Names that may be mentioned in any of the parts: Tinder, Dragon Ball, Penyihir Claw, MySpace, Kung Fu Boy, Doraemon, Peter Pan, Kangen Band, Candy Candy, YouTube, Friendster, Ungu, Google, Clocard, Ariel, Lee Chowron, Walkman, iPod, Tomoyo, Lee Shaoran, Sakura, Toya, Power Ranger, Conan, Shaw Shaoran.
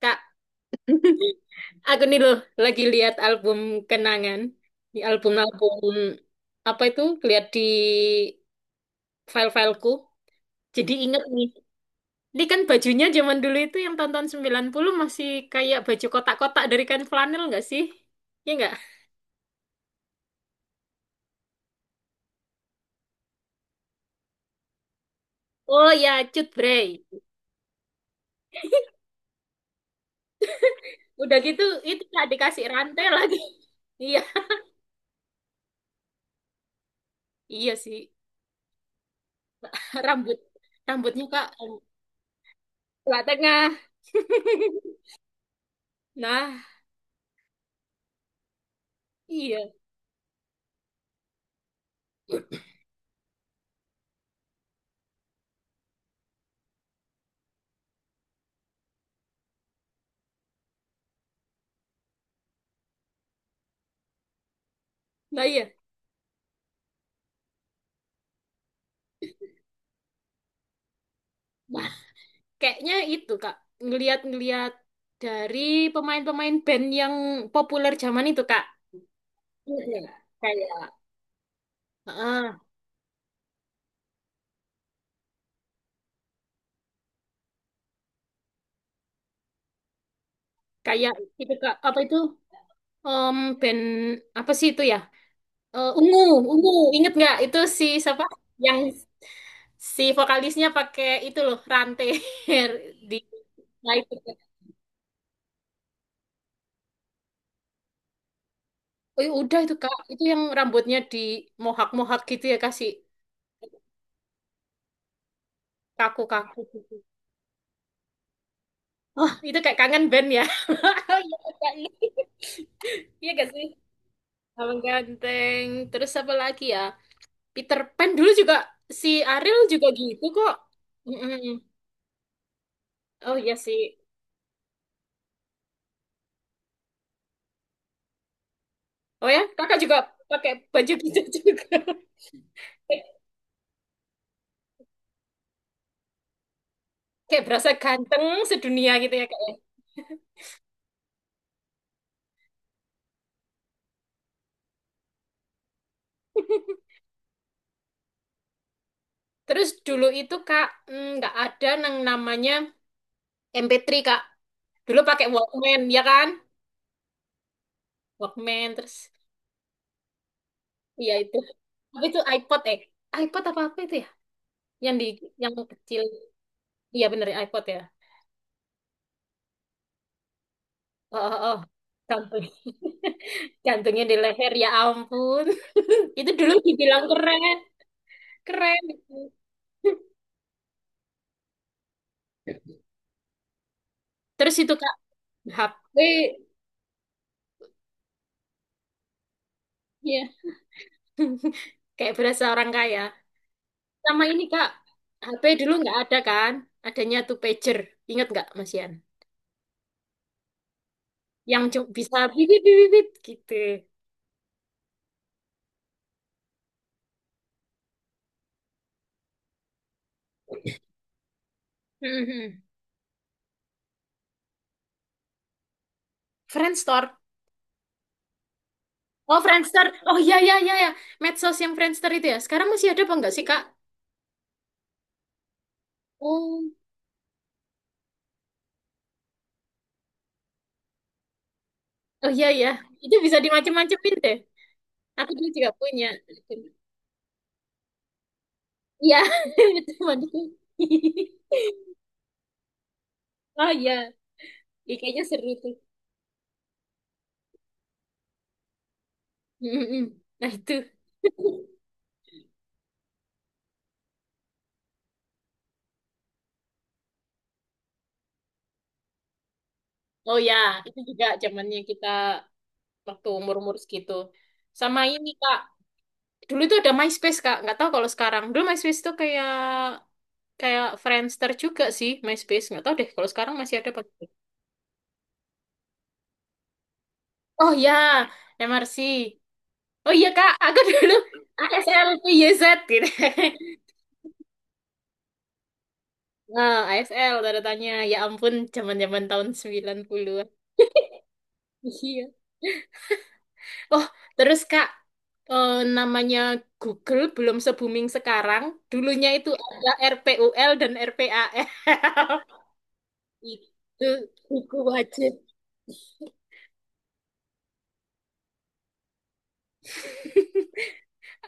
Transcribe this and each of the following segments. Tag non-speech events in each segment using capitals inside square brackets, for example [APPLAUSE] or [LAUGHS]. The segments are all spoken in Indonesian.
Kak, [LAUGHS] aku nih loh lagi lihat album kenangan. Di album-album apa itu? Lihat di file-fileku. Jadi inget nih. Ini kan bajunya zaman dulu itu yang tahun-tahun 90 masih kayak baju kotak-kotak dari kain flanel nggak sih? Iya nggak? Oh ya, cut Bray. Udah gitu itu nggak dikasih rantai lagi. [LAUGHS] Iya, iya sih. Rambut rambutnya Kak sebelah tengah. Nah, iya. Nah, iya. Kayaknya itu Kak, ngeliat-ngeliat dari pemain-pemain band yang populer zaman itu Kak. Iya, iya. Kayak ah, kayak itu Kak, apa itu? Band apa sih itu ya? Ungu, ungu, inget nggak itu si siapa? Yang si vokalisnya pakai itu loh rantai [LAUGHS] di nah itu Kak. Oh, ya udah itu Kak, itu yang rambutnya di mohak-mohak gitu ya kasih kaku-kaku gitu. Oh, itu kayak kangen band ya. [LAUGHS] Iya, Kak. Iya gak sih? Abang ganteng. Terus apa lagi ya? Peter Pan dulu juga si Ariel juga gitu kok. Mm-mm. Oh iya sih. Oh ya, kakak juga pakai baju gitu [LAUGHS] juga. Kayak kayak berasa ganteng sedunia gitu ya kak. Ya. Terus dulu itu kak nggak ada yang namanya MP3 kak. Dulu pakai Walkman ya kan? Walkman terus iya itu. Apa itu iPod eh? iPod apa apa itu ya? Yang di yang kecil. Iya bener ya, iPod ya. Oh, oh, oh. Gampang. [LAUGHS] Gantungnya di leher, ya ampun. [LAUGHS] Itu dulu dibilang keren, keren. [LAUGHS] Terus itu Kak, HP, ya. [LAUGHS] Kayak berasa orang kaya. Sama ini Kak, HP dulu nggak ada kan? Adanya tuh pager. Ingat nggak Mas Yan? Yang cuma bisa bibit bibit bibit, gitu. Mhm. Friendster. Oh, Friendster. Oh iya iya iya ya. Medsos yang Friendster itu ya. Sekarang masih ada apa enggak sih, Kak? Oh, oh iya ya. Itu bisa dimacem-macemin deh. Aku dulu juga punya. Iya, [LAUGHS] itu Monica. [LAUGHS] Oh iya, ih, kayaknya seru tuh. Mm-mm. Nah itu. [LAUGHS] Oh ya, itu juga zamannya kita waktu umur-umur segitu. Sama ini Kak, dulu itu ada MySpace Kak, nggak tahu kalau sekarang. Dulu MySpace tuh kayak kayak Friendster juga sih MySpace. Nggak tahu deh kalau sekarang masih ada apa enggak. Oh ya, MRC. Oh iya Kak, aku dulu [LAUGHS] ASL YZ gitu. [LAUGHS] Nah, ASL tanda tanya. Ya ampun, zaman-zaman tahun 90-an. Iya. Oh, terus Kak, eh, namanya Google belum se-booming sekarang. Dulunya itu ada R P U L dan R P A L. [LAUGHS] Itu buku wajib.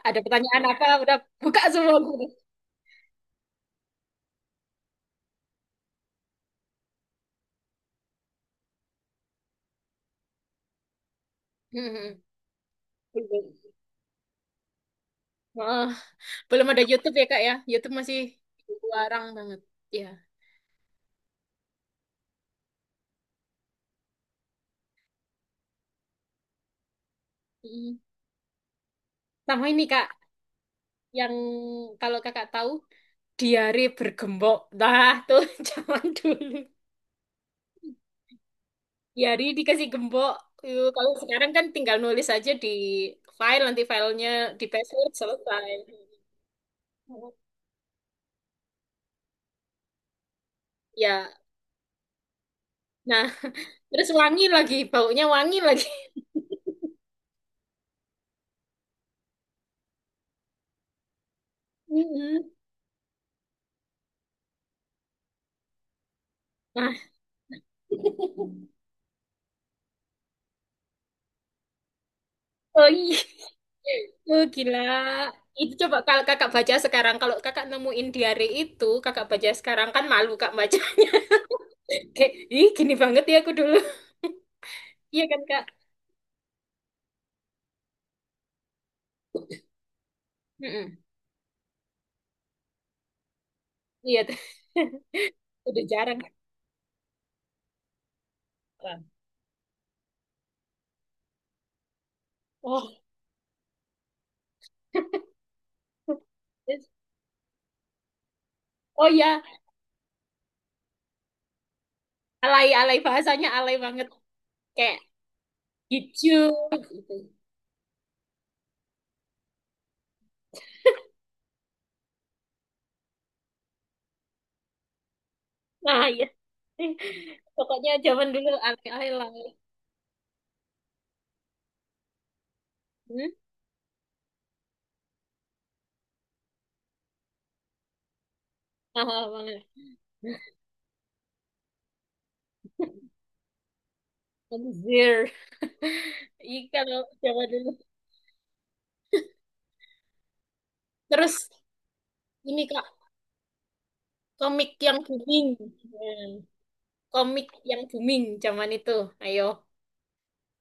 Ada pertanyaan apa? Udah buka semua. Hmm, belum. Oh, belum ada YouTube ya Kak ya? YouTube masih larang banget. Ya. Hmm. Sama ini Kak, yang kalau Kakak tahu, diare bergembok. Nah, tuh [LAUGHS] zaman dulu. Ya, dikasih gembok. Yuk, kalau sekarang kan tinggal nulis aja di file, nanti filenya di password selesai. Ya, nah [LAUGHS] terus wangi lagi, baunya wangi lagi. Mm-mm. Nah, [LAUGHS] oh iya, oh gila. Itu coba kalau kakak baca sekarang, kalau kakak nemuin diary itu, kakak baca sekarang kan malu kak baca. [LAUGHS] Kayak, ih gini banget ya aku dulu. [LAUGHS] Iya kan kak? Mm-mm. Iya, [LAUGHS] udah jarang. Oh, [LAUGHS] oh ya, alay alay bahasanya alay banget kayak hijau gitu nah ya pokoknya zaman dulu alay alay lah. Hmm? Mahal banget. Anjir. Iya kalau zaman dulu terus ini kak komik yang booming. Hmm, komik yang booming zaman itu ayo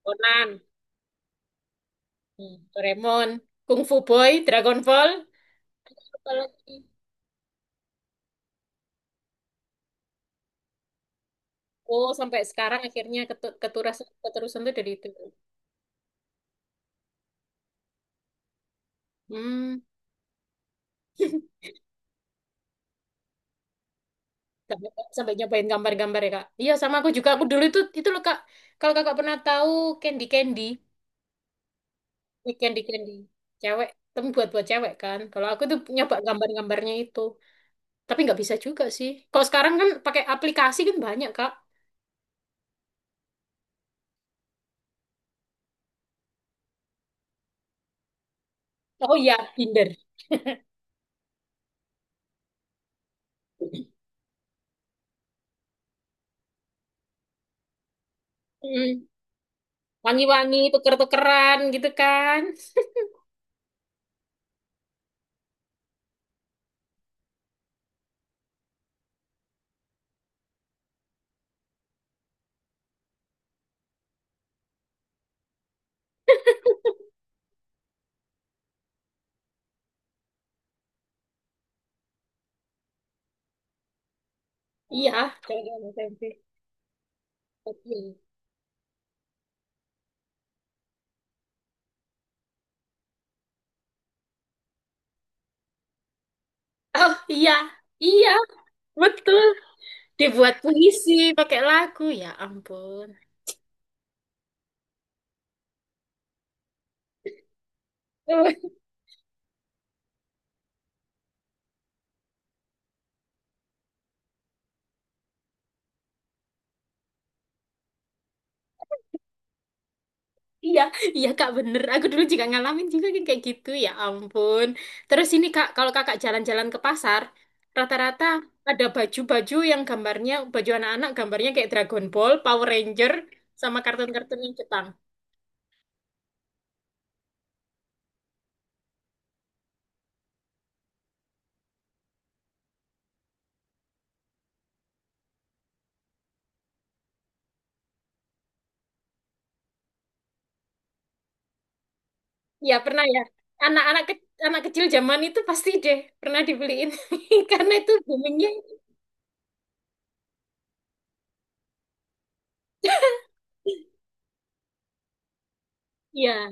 Conan. Hmm, Doraemon Kung Fu Boy Dragon Ball apalagi. Oh sampai sekarang akhirnya ketu- keterusan keterusan tuh dari itu. Hmm. Sampai, sampai nyobain gambar-gambar ya kak. Iya sama aku juga. Aku dulu itu loh kak. Kalau kakak pernah tahu Candy Candy, Candy Candy, cewek, tapi buat buat cewek kan. Kalau aku tuh nyoba gambar-gambarnya itu, tapi nggak bisa juga sih. Kalau sekarang kan pakai aplikasi kan banyak kak. Oh iya, Tinder. Mm. Wangi-wangi, tuker-tukeran gitu kan. [LAUGHS] Iya, cewek-cewek selfie. Oke. Oh iya, iya, betul. Dibuat puisi pakai lagu, ya ampun. [LAUGHS] Iya, iya kak bener. Aku dulu juga ngalamin juga yang kayak gitu ya ampun. Terus ini kak, kalau kakak jalan-jalan ke pasar, rata-rata ada baju-baju yang gambarnya, baju anak-anak gambarnya kayak Dragon Ball, Power Ranger, sama kartun-kartun yang Jepang. Iya pernah ya. Anak-anak ke- anak kecil zaman itu pasti deh pernah dibeliin [LAUGHS] karena itu boomingnya. Iya,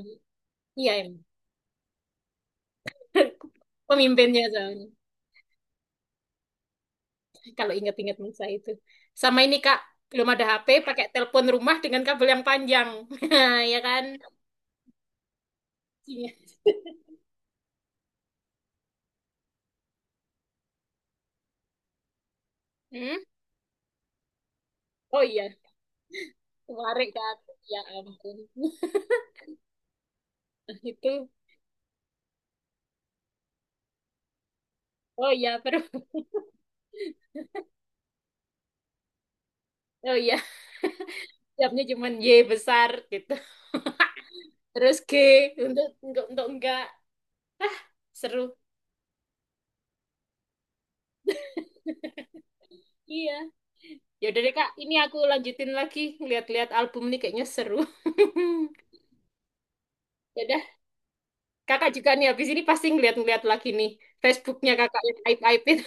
iya, emang. [LAUGHS] Pemimpinnya soalnya. Kalau ingat-ingat masa itu. Sama ini Kak, belum ada HP, pakai telepon rumah dengan kabel yang panjang. [LAUGHS] Ya kan? Hmm? Oh iya, warik Kak. Ya ampun. [LAUGHS] Itu, oh iya, terus, oh iya, siapnya cuma Y besar gitu. Terus G, untuk enggak. Ah, seru. Iya. Ya udah deh Kak, ini aku lanjutin lagi. Lihat-lihat album nih kayaknya seru. [LAUGHS] Ya udah, Kakak juga nih habis ini pasti ngeliat-ngeliat lagi nih. Facebooknya Kakak yang aib-aibin.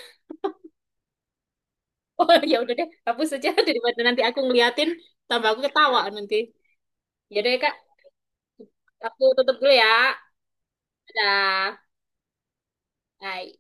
Oh [LAUGHS] ya udah deh, hapus saja [LAUGHS] daripada nanti aku ngeliatin tambah aku ketawa nanti. Ya deh Kak, aku tutup dulu ya. Dadah. Bye.